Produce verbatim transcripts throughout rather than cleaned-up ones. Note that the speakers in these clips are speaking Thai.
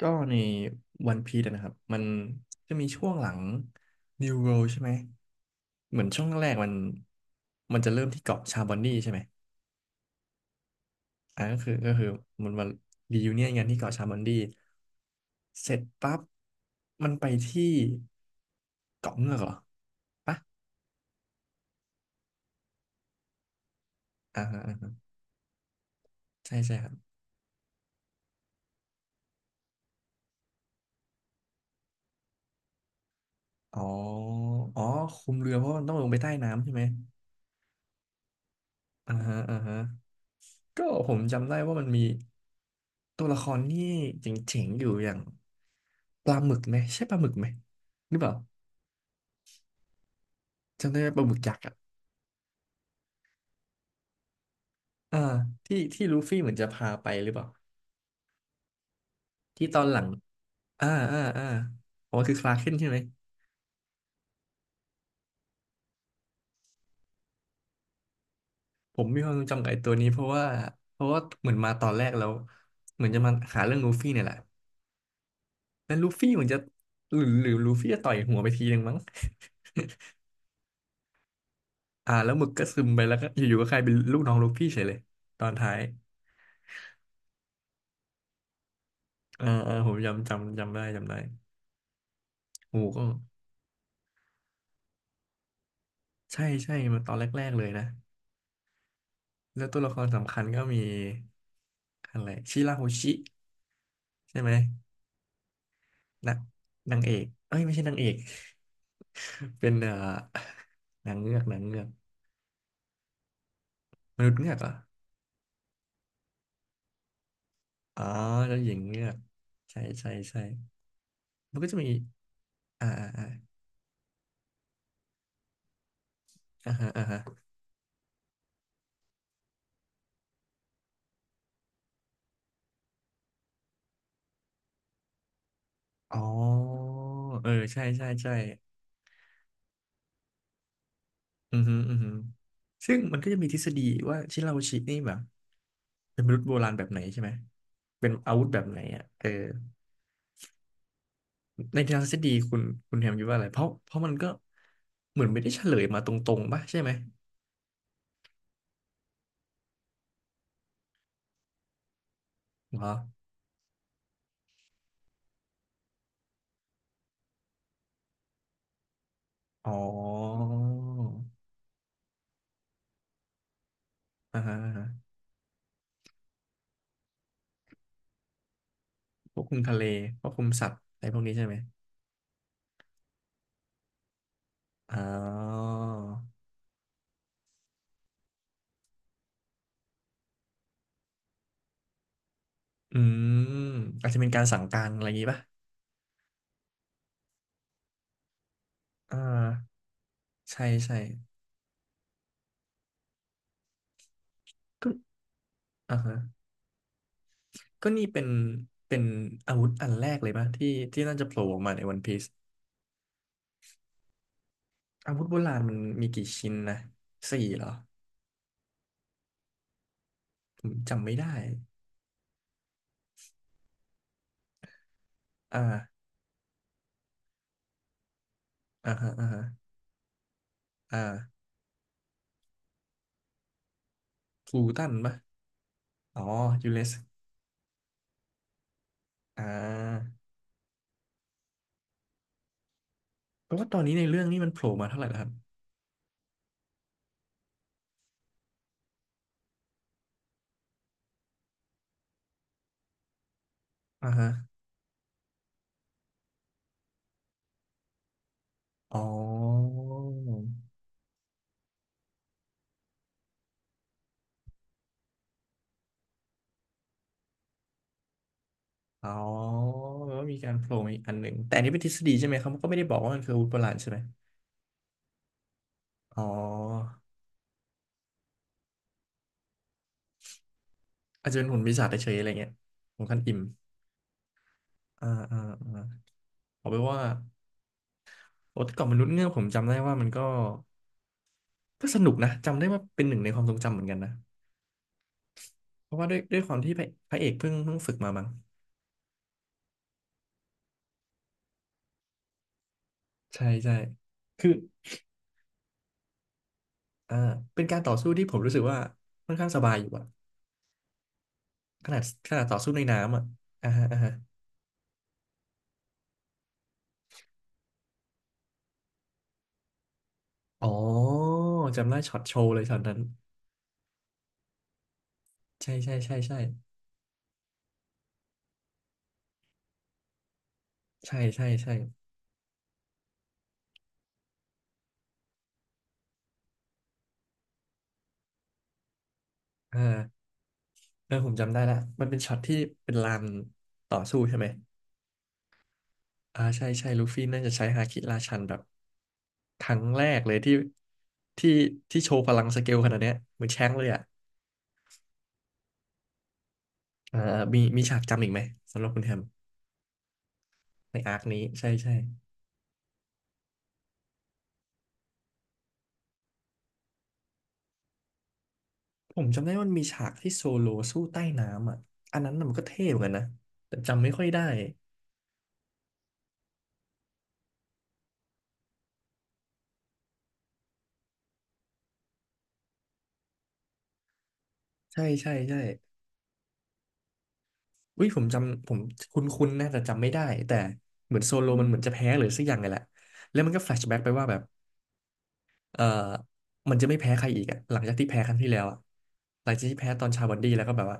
ก็ในวันพี e นะครับมันจะมีช่วงหลัง New World ใช่ไหมเหมือนช่วงแรกมันมันจะเริ่มที่เกาะชาบอนดีใช่ไหมอ่าก็คือก็คือมันมารียูเนียนกันที่เกาะชาบอนดีเสร็จปั๊บมันไปที่เกาะเงือกเหรอปะอ่าฮะอ่าฮะใช่ใช่ครับอ๋ออ๋อคุมเรือเพราะมันต้องลงไปใต้น้ำใช่ไหมอ่าฮะอ่าฮะก็ผมจำได้ว่ามันมีตัวละครที่เจ๋งๆอยู่อย่าง ปลาหมึกไหมใช่ปลาหมึกไหมหรือเปล่าจำได้ไหมปลาหมึกยักษ์อ่ะอ่าที่ที่ลูฟี่เหมือนจะพาไปหรือเปล่าที่ตอนหลังอ่าอ่าอ่าอ๋อคือคลาร์กเคนใช่ไหมผมมีความทรงจำกับไอ้ตัวนี้เพราะว่าเพราะว่าเหมือนมาตอนแรกแล้วเหมือนจะมาหาเรื่องลูฟี่เนี่ยแหละแล้วลูฟี่เหมือนจะหรือหรือลูฟี่จะต่อยหัวไปทีนึงมั้งอ่าแล้วหมึกก็ซึมไปแล้วก็อยู่ๆก็กลายเป็นลูกน้องลูฟี่เฉยเลยตอนท้ายอ่าอ่าผมจำจำจำได้จำได้โอ้โหก็ใช่ใช่มาตอนแรกๆเลยนะ แล้วตัวละครสำคัญก็มีอะไรชิราโฮชิใช่ไหมนักนางเอกเอ้ยไม่ใช่นางเอก เป็นเอ่อ นางเงือกนางเงือกมนุษย์เงือกเหรออ๋อแล้วหญิงเงือกใช่ใช่ใช่มันก็จะมีอ่าอ่าอ่าอ่าฮะอ่าฮะอ๋อเออใช่ใช่ใช่อือฮึอือฮึซึ่งมันก็จะมีทฤษฎีว่าชิราโฮชินี่แบบเป็นมนุษย์โบราณแบบไหนใช่ไหมเป็นอาวุธแบบไหนอ่ะเออ ในทางทฤษฎีคุณคุณแฮมคิดว่าอะไรเพราะเพราะมันก็เหมือนไม่ได้เฉลยมาตรงๆป่ะใช่ไหมเหรออ๋ออ่าฮะอ่าฮะควบคุมทะเลควบคุมสัตว์อะไรพวกนี้ใช่ไหมอ๋ออืมอาจจะเป็นการสั่งการอะไรอย่างงี้ป่ะอ่าใช่ใช่ก็อ่าฮะก็นี่เป็นเป็นอาวุธอันแรกเลยป่ะที่ที่น่าจะโผล่ออกมาในวันพีซอาวุธโบราณมันมีกี่ชิ้นนะสี่เหรอผมจำไม่ได้อ่าอ่าฮะอ่าฮะ อ่าพลูตันปะ อ๋อยูเรสอ่าแปลว่าตอนนี้ในเรื่องนี้มันโผล่มาเท่าไหร่แล้วครับอ่าฮะอ๋อ อ๋อแปลว่ามีการโผล่มาอีกอันหนึ่ง แต่อันนี้เป็นทฤษฎีใช่ไหมเขาก็ไม่ได้บอกว่ามันคืออาวุธโบราณใช่ไหม อ๋ออาจจะเป็นหุ่นปีศาจเฉยๆอะไรเงี้ยของคันอิ่มอ่าอ่าอ่าเอาไปนว่าโอ้แต่ก่อนมนุษย์เงือกผมจำได้ว่ามันก็ก็สนุกนะจำได้ว่าเป็นหนึ่งในความทรงจำเหมือนกันนะเพราะว่าด้วยด้วยความที่พระพระเอกเพิ่งเพิ่งฝึกมามั้งใช่ใช่คือ อ่าเป็นการต่อสู้ที่ผมรู้สึกว่าค่อนข้างสบายอยู่อะขนาดขนาดต่อสู้ในน้ำอะอ่าฮะอ่าฮะอ๋อจำได้ช็อตโชว์เลยช็อตนั้นใช่ใช่ใช่ใช่ใช่ใช่ใช่อ่าเออผมจำได้ละมันเป็นช็อตที่เป็นลานต่อสู้ใช่ไหมอ่าใช่ใช่ลูฟี่น่าจะใช้ฮาคิราชันแบบครั้งแรกเลยที่ที่ที่โชว์พลังสเกลขนาดเนี้ยเหมือนแช้งเลยอะอ่ามีมีฉากจำอีกไหมสำหรับคุณแฮมในอาร์คนี้ใช่ใช่ ผมจำได้ว่ามันมีฉากที่โซโลสู้ใต้น้ำอ่ะอันนั้นน่ะมันก็เท่เหมือนกันนะแต่จำไม่ค่อยได้ใช่ใช่ใช่อุ้ยผมจำผมคุ้นๆนะแต่จำไม่ได้แต่เหมือนโซโลมันเหมือนจะแพ้หรือสักอย่างไงแหละแล้วมันก็แฟลชแบ็กไปว่าแบบเออมันจะไม่แพ้ใครอีกอะหลังจากที่แพ้ครั้งที่แล้วอะหลังจากที่แพ้ตอนชาบันดี้แล้วก็แบบว่า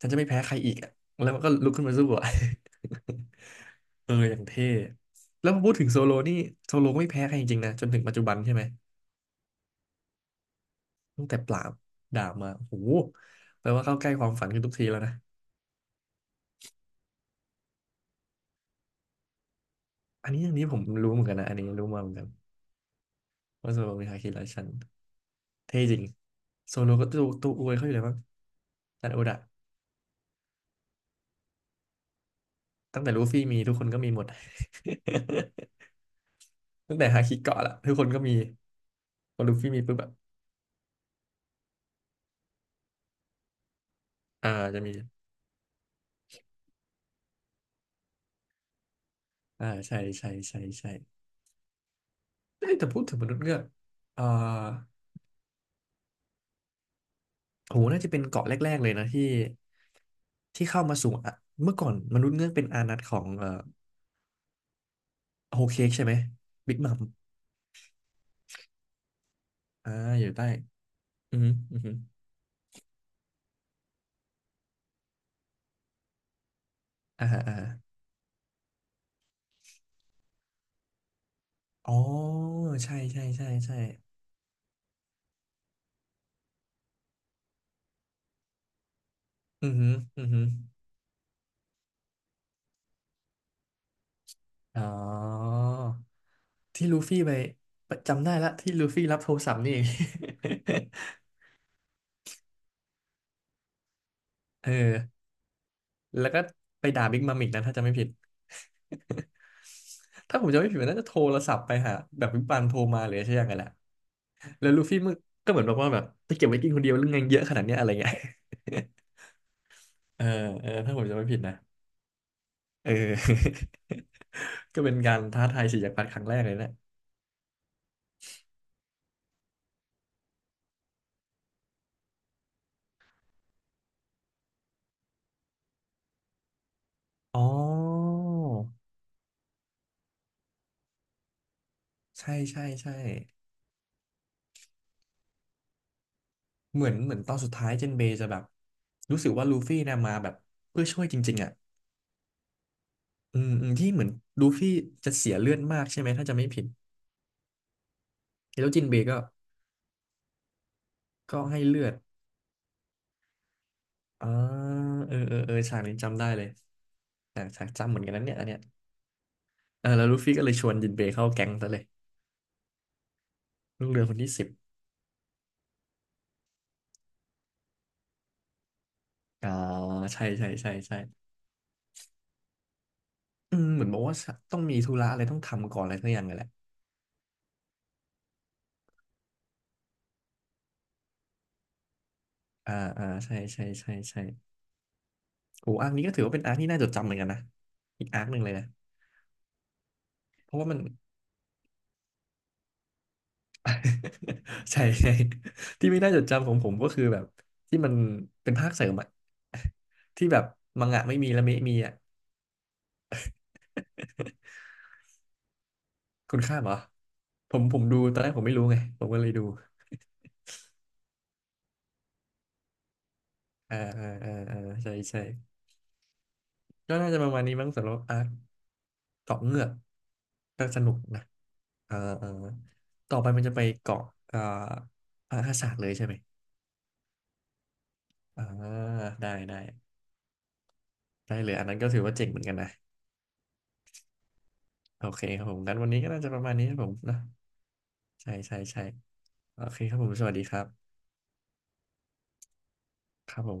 ฉันจะไม่แพ้ใครอีกอะแล้วมันก็ลุกขึ้นมาสู้อ่ะ เอออย่างเท่แล้วพอพูดถึงโซโลนี่โซโลก็ไม่แพ้ใครจริงๆนะจนถึงปัจจุบันใช่ไหม ตั้งแต่ปราบดาบมาโอ้โหแปลว่าเข้าใกล้ความฝันขึ้นทุกทีแล้วนะอันนี้อันนี้ผมรู้เหมือนกันนะอันนี้รู้มาเหมือนกันว่าโซโลมีฮาคิราชันเท่จริงโซโลก็ตัวตัวอวยเขาอยู่เลยมั้งาจานย์โอดะตั้งแต่ลูฟี่มีทุกคนก็มีหมด ตั้งแต่ฮาคิเกาะละทุกคนก็มีพอลูฟี่มีปุ๊บแบบอ่าจะมีอ่าใช่ใช่ใช่ใช่เอ้ยแต่พูดถึงมนุษย์เงือกอ่าโหน่าจะเป็นเกาะแรกๆเลยนะที่ที่เข้ามาสู่อะเมื่อก่อนมนุษย์เงือกเป็นอานัตของเอ่อ โฮลเค้กใช่ไหมบิ๊กมัมอ่าอยู่ใต้อือฮึอือฮึอ่าฮะอ่าฮะอ๋อใช่ใช่ใช่ใช่อือฮึอือฮึอ๋อที่ลูฟี่ไปจำได้ละที่ลูฟี่รับโทรศัพท์นี่เอง เออแล้วก็ไปด่าบิ๊กมัมอีกนะถ้าจำไม่ผิดถ้าผมจำไม่ผิดมันน่าจะโทรศัพท์ไปหาแบบบิ๊กบัมโทรมาหรือใช่ยังไงแหละแล้วลูฟี่มึงก็เหมือนบอกว่าแบบจะเก็บไว้กินคนเดียวหรือไงเยอะขนาดเนี้ยอะไรเงี้ย เออเออถ้าผมจำไม่ผิดนะ เออ ก็เป็นการท้าทายสีกจักพรรดครั้งแรกเลยนะ อ๋อ ใช่ใช่ใช่เหมือนเหมือนตอนสุดท้ายเจนเบย์จะแบบรู้สึกว่าลูฟี่นะมาแบบเพื่อช่วยจริงๆอ่ะ อืมอืมที่เหมือนลูฟี่จะเสียเลือดมากใช่ไหมถ้าจะไม่ผิดแล้วจินเบย์ก็ก็ให้เลือดอ่าเออเออเออฉากนี้จำได้เลยแต่ฉากจำเหมือนกันนั้นเนี่ยอันเนี้ยเออแล้วลูฟี่ก็เลยชวนจินเบย์เข้าแก๊งซะเลยลูกเรือคนที่สิบอ่าใช่ใช่ใช่ใช่ อืมเหมือนบอกว่าต้องมีธุระอะไรต้องทำก่อนอะไรสักอย่างเลยแหละอ่าอ่าใช่ใช่ใช่ใช่โอ้อาร์คนี้ก็ถือว่าเป็นอาร์คที่น่าจดจำเหมือนกันนะอีกอาร์คหนึ่งเลยนะเพราะว่ามัน ใช่ใช่ที่ไม่น่าจดจำของผมก็คือแบบที่มันเป็นภาคเสริมอะที่แบบมังงะไม่มีและเมะมีอะคุณข้ามเหรอผมผมดูตอนแรกผมไม่รู้ไงผมก็เลยดูอ่าอ่าอ่าอ่าใช่ใช่ก็น่าจะประมาณนี้มั้งสำหรับอาร์ค เกาะเงือกก็สนุกนะเออเออต่อไปมันจะไปเกาะเอ่อพระราศาสตร์เลยใช่ไหมอ่าได้ได้ได้เลยอันนั้นก็ถือว่าเจ๋งเหมือนกันนะ โอเคครับผมงั้นวันนี้ก็น่าจะประมาณนี้ครับผมนะ ใช่ใช่ใช่โอเคครับผม สวัสดีครับ ครับผม